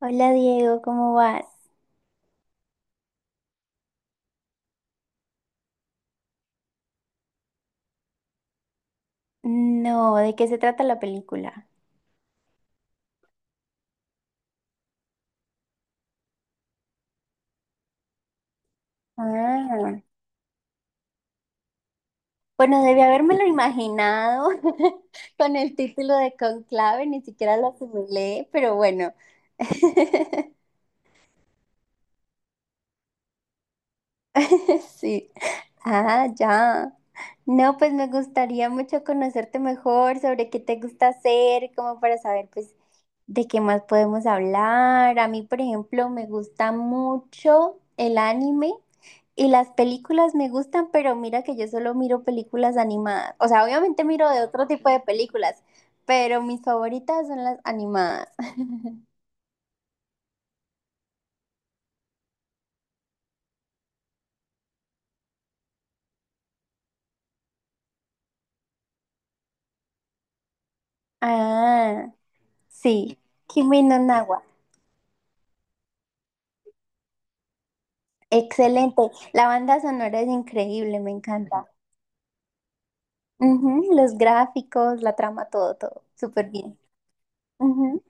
Hola Diego, ¿cómo vas? No, ¿de qué se trata la película? Ah, bueno, debí habérmelo imaginado. Con el título de Conclave, ni siquiera lo asimilé, pero bueno. Sí. Ah, ya. No, pues me gustaría mucho conocerte mejor sobre qué te gusta hacer, como para saber, pues, de qué más podemos hablar. A mí, por ejemplo, me gusta mucho el anime. Y las películas me gustan, pero mira que yo solo miro películas animadas. O sea, obviamente miro de otro tipo de películas, pero mis favoritas son las animadas. Ah, sí. Kimi no Na wa. Excelente. La banda sonora es increíble, me encanta. Ujú. Los gráficos, la trama, todo, todo. Súper bien. Ujú.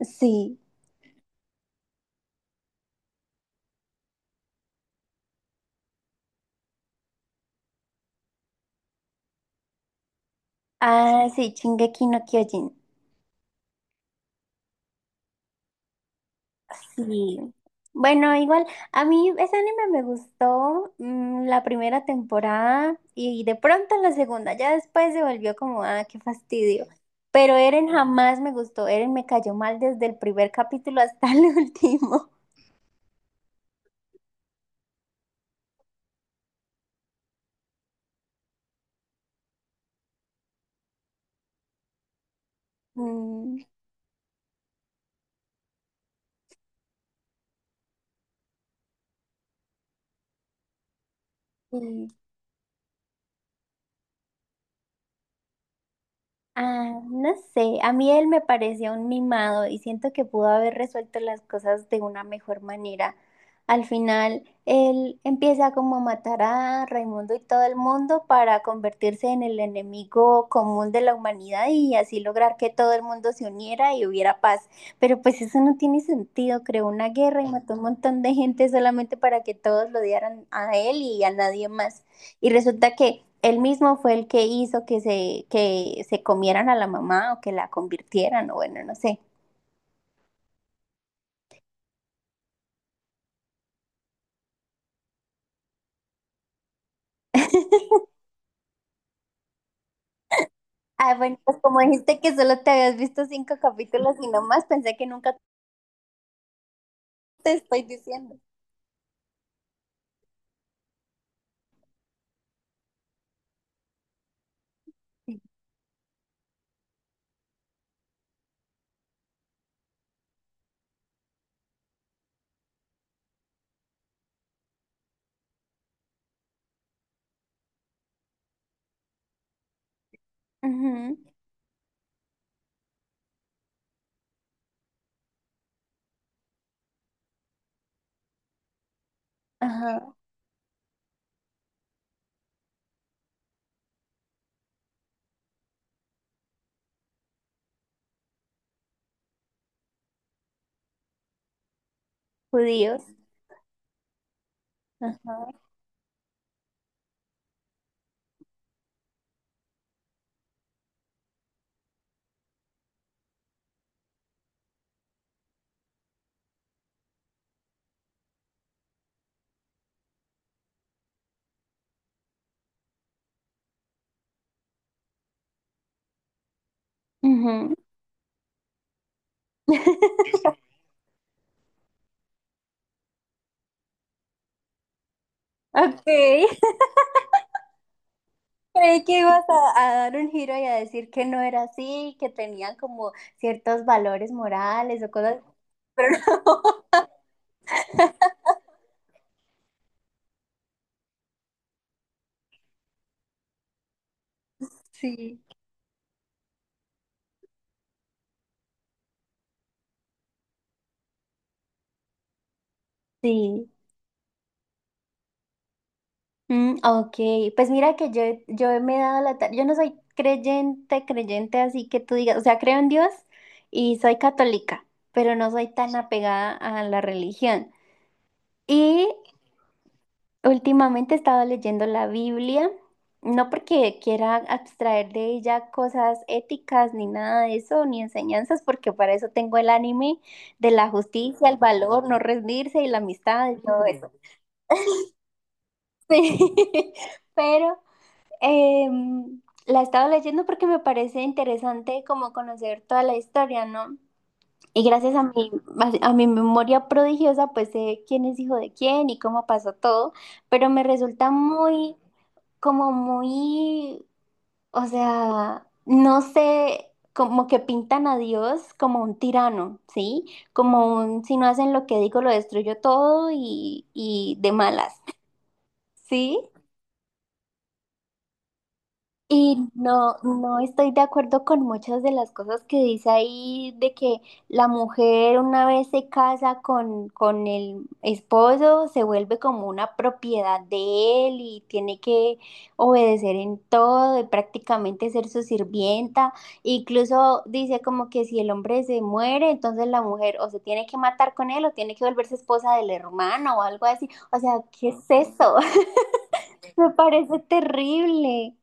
Sí. Ah, sí, Shingeki no Kyojin. Sí. Bueno, igual, a mí ese anime me gustó la primera temporada y de pronto la segunda, ya después se volvió como, ah, qué fastidio. Pero Eren jamás me gustó, Eren me cayó mal desde el primer capítulo hasta el último. Mm, sí. Ah, no sé, a mí él me parecía un mimado y siento que pudo haber resuelto las cosas de una mejor manera. Al final, él empieza como a matar a Raimundo y todo el mundo para convertirse en el enemigo común de la humanidad y así lograr que todo el mundo se uniera y hubiera paz. Pero pues eso no tiene sentido, creó una guerra y mató un montón de gente solamente para que todos lo odiaran a él y a nadie más. Y resulta que él mismo fue el que hizo que se comieran a la mamá o que la convirtieran, o bueno, no sé. Ah, bueno, pues como dijiste que solo te habías visto 5 capítulos y no más, pensé que nunca te estoy diciendo. Sí. Ujú. Ajá, judíos. Ajá. Ujú. Ok. Creí que ibas a dar un giro y a decir que no era así, que tenían como ciertos valores morales o cosas, pero no. Sí. Sí. Mm, ok, pues mira que yo me he dado la tarea, yo no soy creyente, creyente, así que tú digas, o sea, creo en Dios y soy católica, pero no soy tan apegada a la religión. Y últimamente he estado leyendo la Biblia, no porque quiera abstraer de ella cosas éticas ni nada de eso, ni enseñanzas, porque para eso tengo el anime de la justicia, el valor, no rendirse y la amistad y todo eso. Sí, pero... la he estado leyendo porque me parece interesante como conocer toda la historia, ¿no? Y gracias a mi memoria prodigiosa, pues sé quién es hijo de quién y cómo pasó todo, pero me resulta muy, como muy, o sea, no sé, como que pintan a Dios como un tirano, ¿sí? Como un, si no hacen lo que digo, lo destruyo todo y de malas, ¿sí? Y no, no estoy de acuerdo con muchas de las cosas que dice ahí de que la mujer una vez se casa con el esposo, se vuelve como una propiedad de él y tiene que obedecer en todo y prácticamente ser su sirvienta. Incluso dice como que si el hombre se muere, entonces la mujer o se tiene que matar con él o tiene que volverse esposa del hermano o algo así. O sea, ¿qué es eso? Me parece terrible.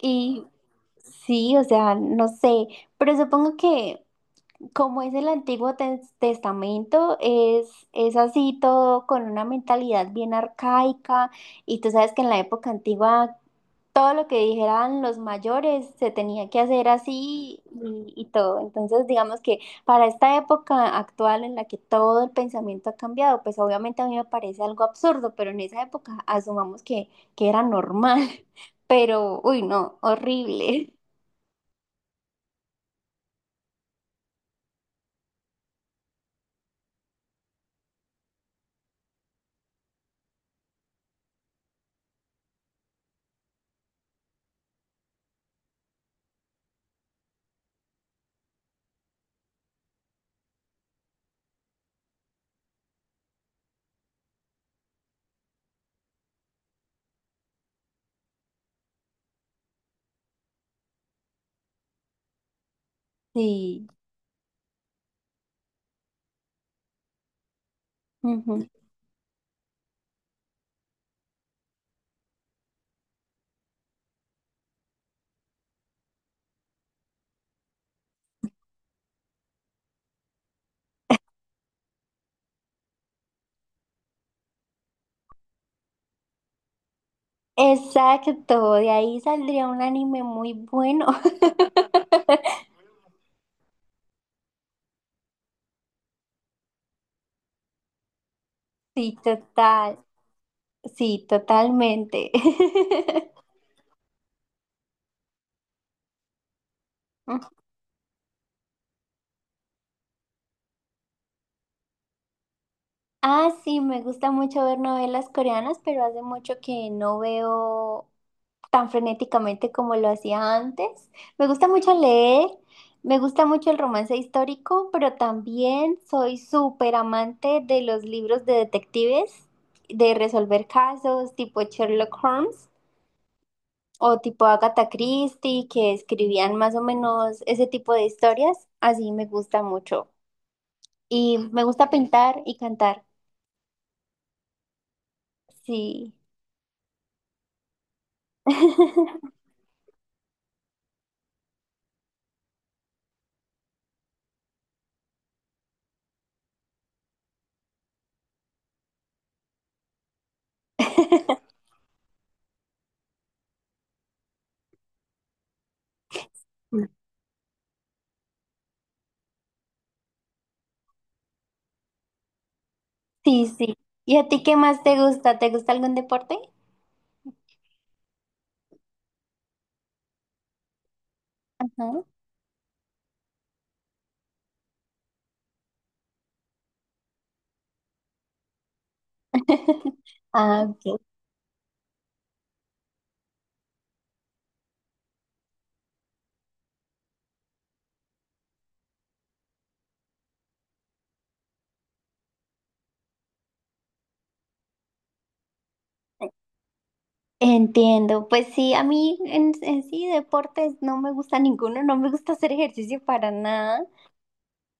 Y sí, o sea, no sé, pero supongo que como es el Antiguo Tes- Testamento, es así todo con una mentalidad bien arcaica y tú sabes que en la época antigua todo lo que dijeran los mayores se tenía que hacer así y todo. Entonces, digamos que para esta época actual en la que todo el pensamiento ha cambiado, pues obviamente a mí me parece algo absurdo, pero en esa época asumamos que era normal, pero, uy, no, horrible. Sí. Ujú. Exacto, de ahí saldría un anime muy bueno. Sí, total, sí, totalmente. Ujú. Ah, sí, me gusta mucho ver novelas coreanas, pero hace mucho que no veo tan frenéticamente como lo hacía antes. Me gusta mucho leer, me gusta mucho el romance histórico, pero también soy súper amante de los libros de detectives, de resolver casos tipo Sherlock Holmes. O tipo Agatha Christie, que escribían más o menos ese tipo de historias. Así me gusta mucho. Y me gusta pintar y cantar. Sí. Sí, sí. ¿Y a ti qué más te gusta? ¿Te gusta algún deporte? Ajá. Ah, ok. Entiendo. Pues sí, a mí en sí deportes no me gusta ninguno, no me gusta hacer ejercicio para nada.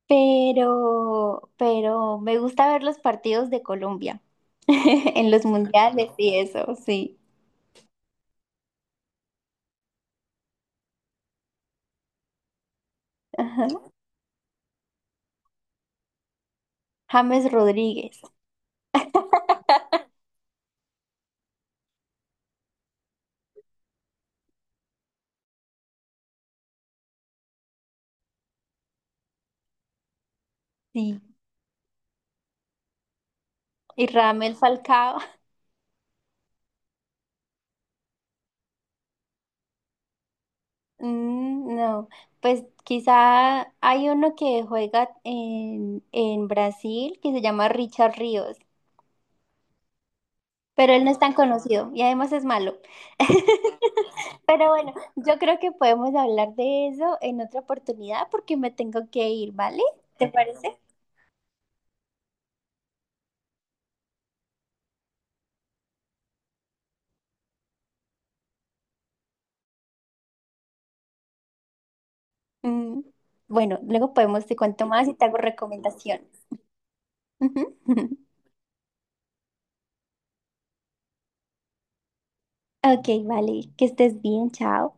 Pero me gusta ver los partidos de Colombia en los mundiales y eso, sí. Ajá. James Rodríguez, sí. Y Ramel Falcao, mm, no. Pues quizá hay uno que juega en Brasil que se llama Richard Ríos, pero él no es tan conocido y además es malo. Pero bueno, yo creo que podemos hablar de eso en otra oportunidad porque me tengo que ir, ¿vale? ¿Te parece? Mm, bueno, luego podemos te cuento más y te hago recomendaciones. Ujú. Ok, vale, que estés bien, chao.